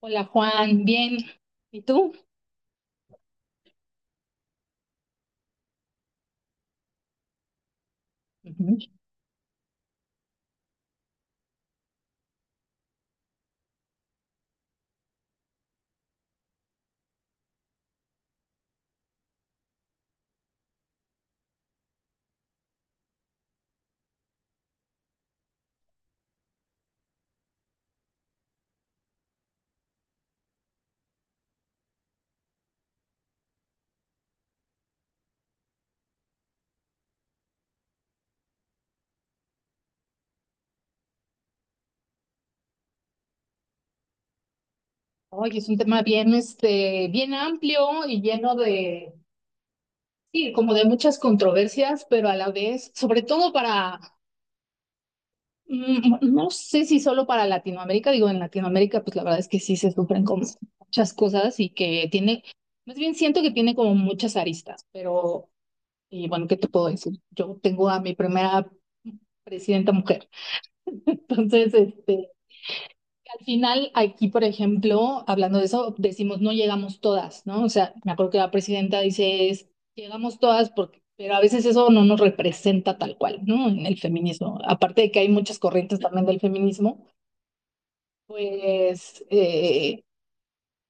Hola Juan, bien. ¿Y tú? Ujú. Oye, es un tema bien, bien amplio y lleno de, sí, como de muchas controversias, pero a la vez, sobre todo para, no sé si solo para Latinoamérica, digo, en Latinoamérica, pues la verdad es que sí se sufren como muchas cosas y que tiene, más bien siento que tiene como muchas aristas, pero, y bueno, ¿qué te puedo decir? Yo tengo a mi primera presidenta mujer, entonces, al final, aquí, por ejemplo, hablando de eso, decimos no llegamos todas, ¿no? O sea, me acuerdo que la presidenta dice es, llegamos todas porque, pero a veces eso no nos representa tal cual, ¿no? En el feminismo. Aparte de que hay muchas corrientes también del feminismo, pues, eh,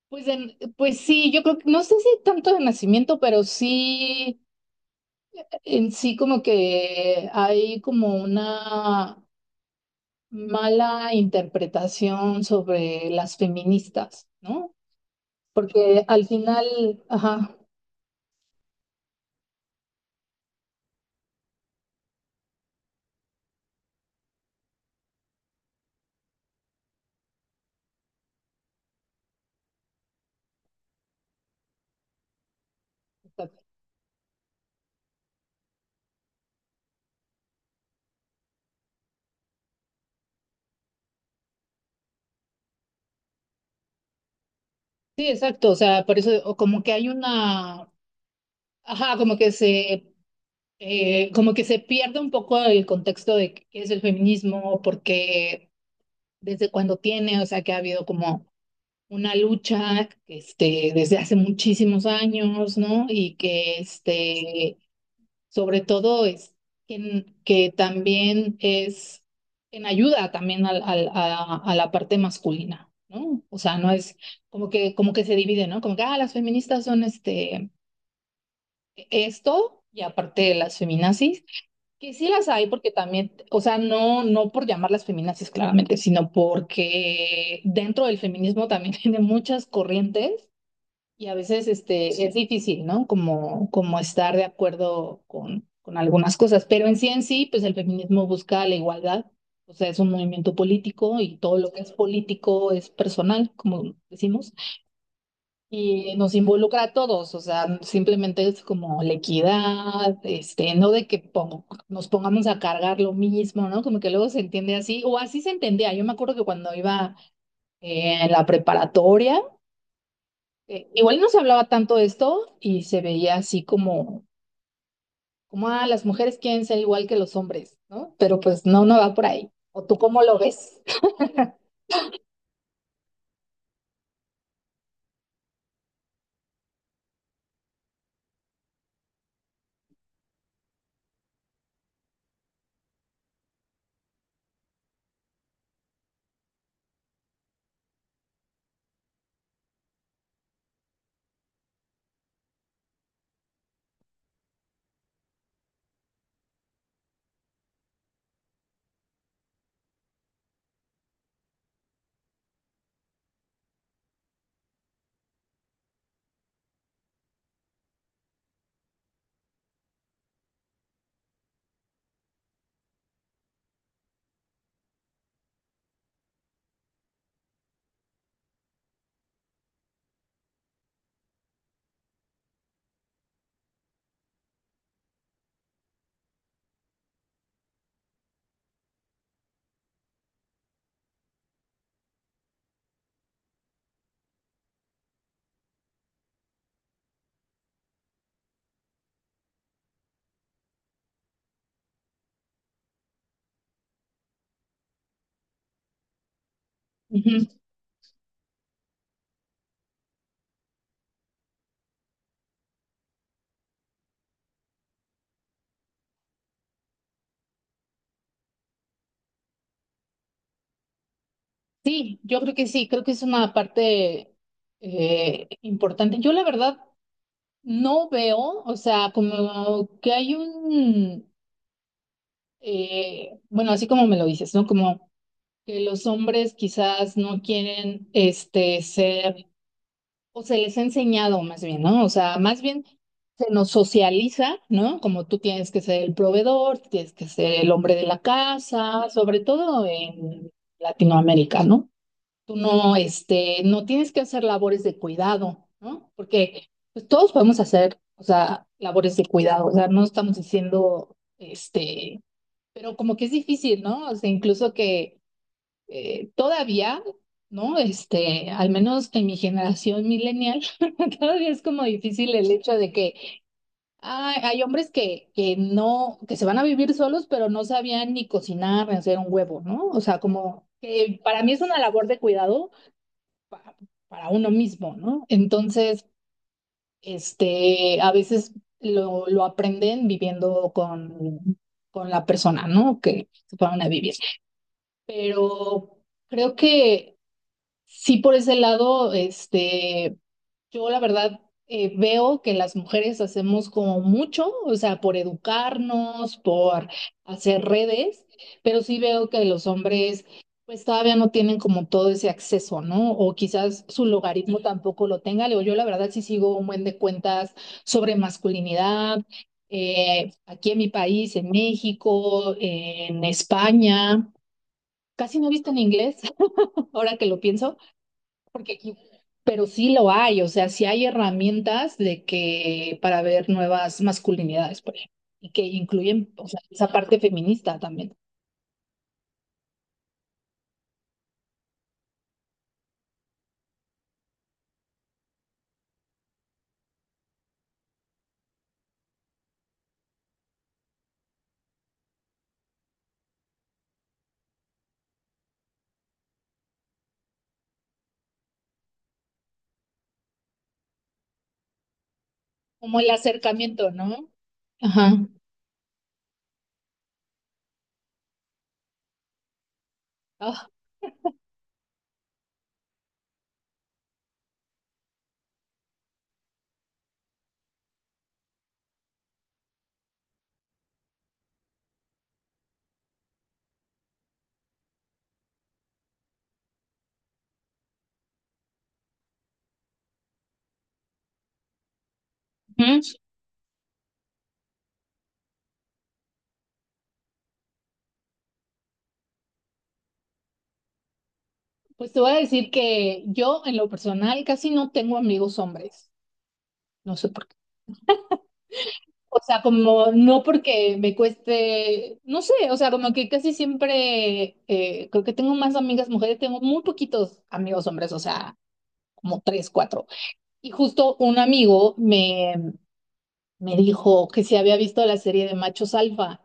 pues sí, yo creo que, no sé si tanto de nacimiento, pero sí, en sí como que hay como una mala interpretación sobre las feministas, ¿no? Porque al final, ajá, sí, exacto, o sea, por eso o como que hay una, ajá, como que se pierde un poco el contexto de qué es el feminismo, porque desde cuando tiene, o sea, que ha habido como una lucha, desde hace muchísimos años, ¿no? Y que, sobre todo es que también es en ayuda también a la parte masculina, ¿no? O sea, no es como que, se divide, ¿no? Como que, ah, las feministas son esto, y aparte las feminazis, que sí las hay porque también, o sea, no, no por llamarlas feminazis claramente, sino porque dentro del feminismo también tiene muchas corrientes y a veces sí, es difícil, ¿no? Como estar de acuerdo con algunas cosas, pero en sí, pues el feminismo busca la igualdad, o sea, es un movimiento político y todo lo que es político es personal, como decimos, y nos involucra a todos, o sea, simplemente es como la equidad, no de que nos pongamos a cargar lo mismo, ¿no? Como que luego se entiende así, o así se entendía, yo me acuerdo que cuando iba en la preparatoria, igual no se hablaba tanto de esto y se veía así como, ah, las mujeres quieren ser igual que los hombres, ¿no? Pero pues no, no va por ahí. ¿O tú cómo lo ves? Ujú. Sí, yo creo que sí, creo que es una parte importante. Yo la verdad no veo, o sea, como que hay un, bueno, así como me lo dices, ¿no? Como que los hombres quizás no quieren ser o se les ha enseñado más bien, ¿no? O sea, más bien se nos socializa, ¿no? Como tú tienes que ser el proveedor, tienes que ser el hombre de la casa, sobre todo en Latinoamérica, ¿no? Tú no, no tienes que hacer labores de cuidado, ¿no? Porque pues, todos podemos hacer, o sea, labores de cuidado, o sea, no estamos diciendo, pero como que es difícil, ¿no? O sea, incluso que todavía, ¿no? Al menos en mi generación millennial, todavía es como difícil el hecho de que ah, hay hombres que no, que se van a vivir solos, pero no sabían ni cocinar, ni hacer un huevo, ¿no? O sea, como que para mí es una labor de cuidado pa- para uno mismo, ¿no? Entonces, a veces lo aprenden viviendo con la persona, ¿no? Que se van a vivir. Pero creo que sí, por ese lado, yo la verdad veo que las mujeres hacemos como mucho, o sea, por educarnos, por hacer redes, pero sí veo que los hombres pues todavía no tienen como todo ese acceso, ¿no? O quizás su logaritmo tampoco lo tenga. Luego yo la verdad sí sigo un buen de cuentas sobre masculinidad, aquí en mi país, en México, en España. Casi no he visto en inglés, ahora que lo pienso. porque aquí- Pero sí lo hay, o sea, sí hay herramientas de que para ver nuevas masculinidades, por ejemplo, y que incluyen, o sea, esa parte feminista también, como el acercamiento, ¿no? Ajá. Ah, ujú. Pues te voy a decir que yo en lo personal casi no tengo amigos hombres, no sé por qué. O sea, como no porque me cueste, no sé, o sea, como que casi siempre creo que tengo más amigas mujeres, tengo muy poquitos amigos hombres, o sea, como tres, cuatro. Y justo un amigo me dijo que si había visto la serie de Machos Alfa.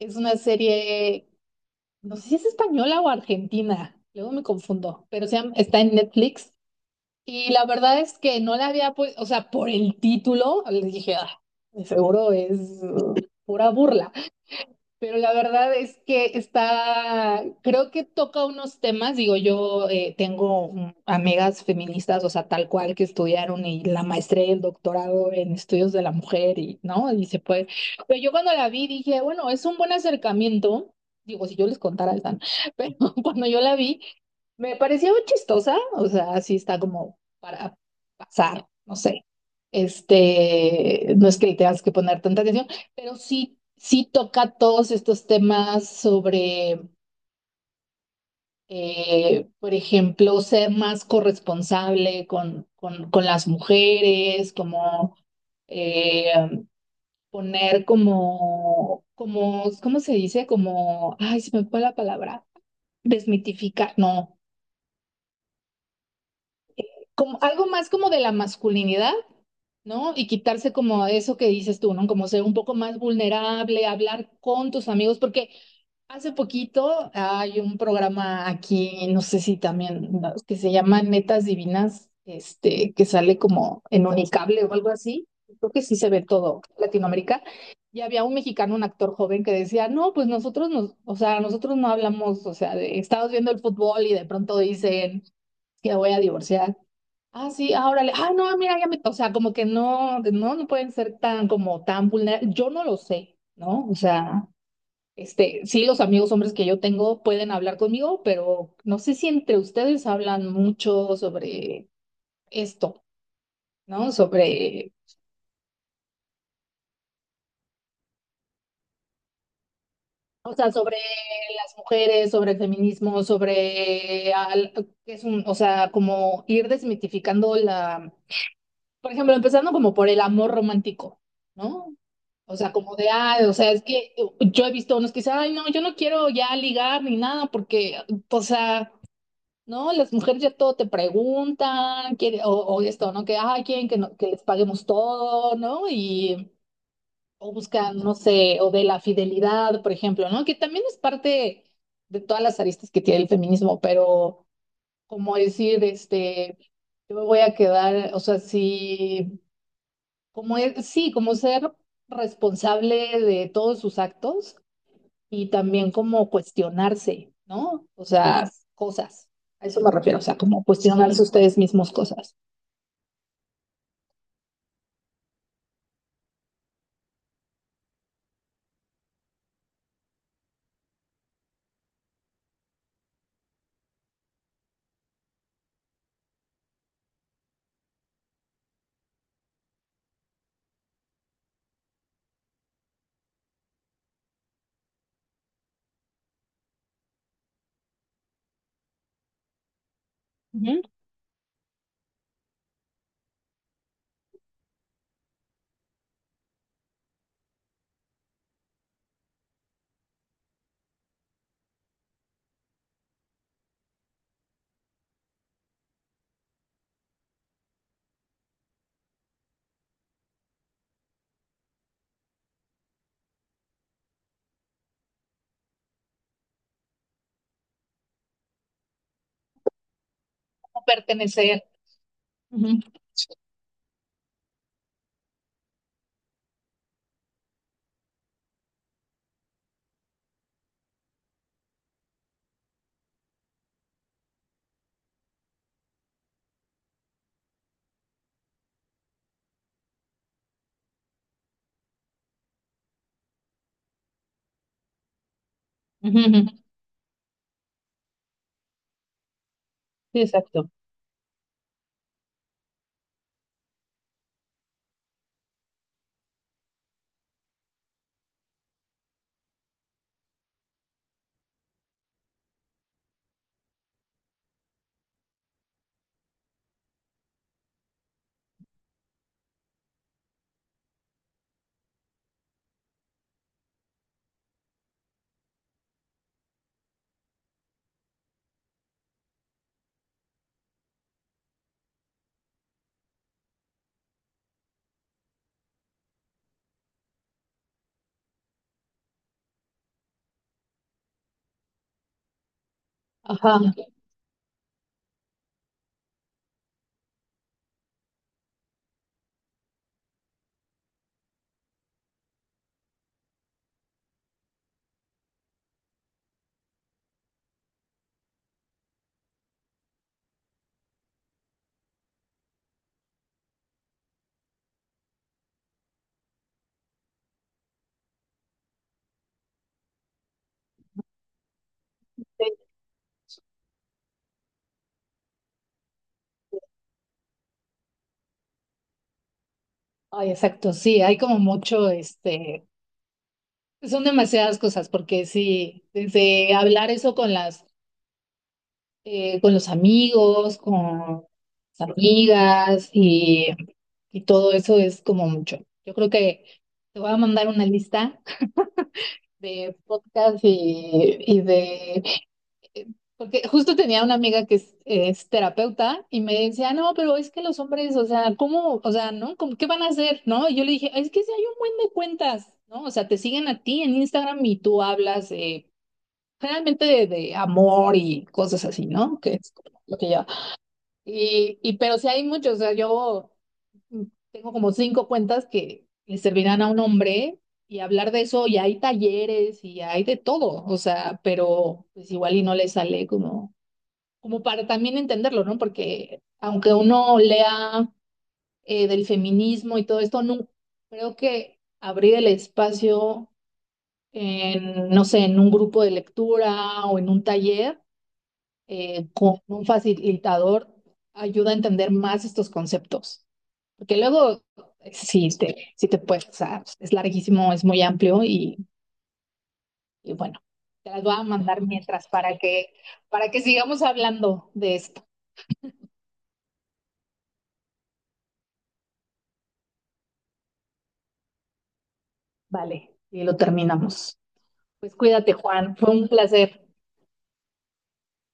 Es una serie, no sé si es española o argentina, luego me confundo, pero está en Netflix. Y la verdad es que no la había, pues, o sea, por el título, les dije, ah, de seguro es uh, pura burla. Pero la verdad es que está, creo que toca unos temas, digo, yo tengo amigas feministas, o sea, tal cual que estudiaron y la maestría y el doctorado en estudios de la mujer y, ¿no? Y se puede. Pero yo cuando la vi dije, bueno, es un buen acercamiento, digo, si yo les contara, están, pero cuando yo la vi, me pareció chistosa, o sea, así está como para pasar, no sé. No es que le tengas que poner tanta atención. Pero sí, sí toca todos estos temas sobre, por ejemplo, ser más corresponsable con las mujeres, como eh, poner como, ¿cómo se dice? Como, ay, se me fue la palabra, desmitificar, no. Como algo más como de la masculinidad, ¿no? Y quitarse como eso que dices tú, ¿no? Como ser un poco más vulnerable, hablar con tus amigos, porque hace poquito hay un programa aquí, no sé si también, ¿no? Que se llama Netas Divinas, que sale como en Unicable o algo así. Creo que sí se ve todo Latinoamérica. Y había un mexicano, un actor joven, que decía, no, pues nosotros o sea, nosotros no hablamos, o sea, estamos viendo el fútbol y de pronto dicen que voy a divorciar. Ah, sí, ahora le, ah, no, mira, ya me, o sea, como que no, no, no pueden ser tan, como tan vulnerables, yo no lo sé, ¿no? O sea, sí, los amigos hombres que yo tengo pueden hablar conmigo, pero no sé si entre ustedes hablan mucho sobre esto, ¿no? Sobre, o sea, sobre las mujeres, sobre el feminismo, sobre, es un, o sea, como ir desmitificando la, por ejemplo, empezando como por el amor romántico, ¿no? O sea, como de, ah, o sea, es que yo he visto unos que dicen, ay, no, yo no quiero ya ligar ni nada, porque, o sea, no, las mujeres ya todo te preguntan, quiere, o esto, ¿no? Que, ay, quieren que, que les paguemos todo, ¿no? Y, o buscan, no sé, o de la fidelidad, por ejemplo, ¿no? Que también es parte de todas las aristas que tiene el feminismo, pero como decir, yo me voy a quedar, o sea, sí, como, sí, como ser responsable de todos sus actos y también como cuestionarse, ¿no? O sea, cosas. A eso me refiero, o sea, como cuestionarse ustedes mismos cosas. Ujú. Como pertenecer. Ujú. Ujú, ujú. Sí, exacto. Ajá. Sí. Ay, exacto, sí, hay como mucho, son demasiadas cosas, porque sí, desde hablar eso con las, con los amigos, con las amigas y todo eso es como mucho. Yo creo que te voy a mandar una lista de podcast y de. Porque justo tenía una amiga que es terapeuta y me decía, no, pero es que los hombres, o sea, ¿cómo, o sea, no? ¿Qué van a hacer? ¿No? Y yo le dije, es que si hay un buen de cuentas, ¿no? O sea, te siguen a ti en Instagram y tú hablas generalmente de amor y cosas así, ¿no? Que es como lo que yo. Y pero sí hay muchos, o sea, yo Mm, tengo como cinco cuentas que le servirán a un hombre y hablar de eso, y hay talleres y hay de todo, o sea, pero pues igual y no le sale como para también entenderlo, ¿no? Porque aunque uno lea del feminismo y todo esto, no, creo que abrir el espacio en, no sé, en un grupo de lectura o en un taller con un facilitador ayuda a entender más estos conceptos. Porque luego, sí te puedes, o sea, es larguísimo, es muy amplio y bueno, te las voy a mandar mientras para que sigamos hablando de esto. Vale, y lo terminamos. Pues cuídate, Juan, fue un placer.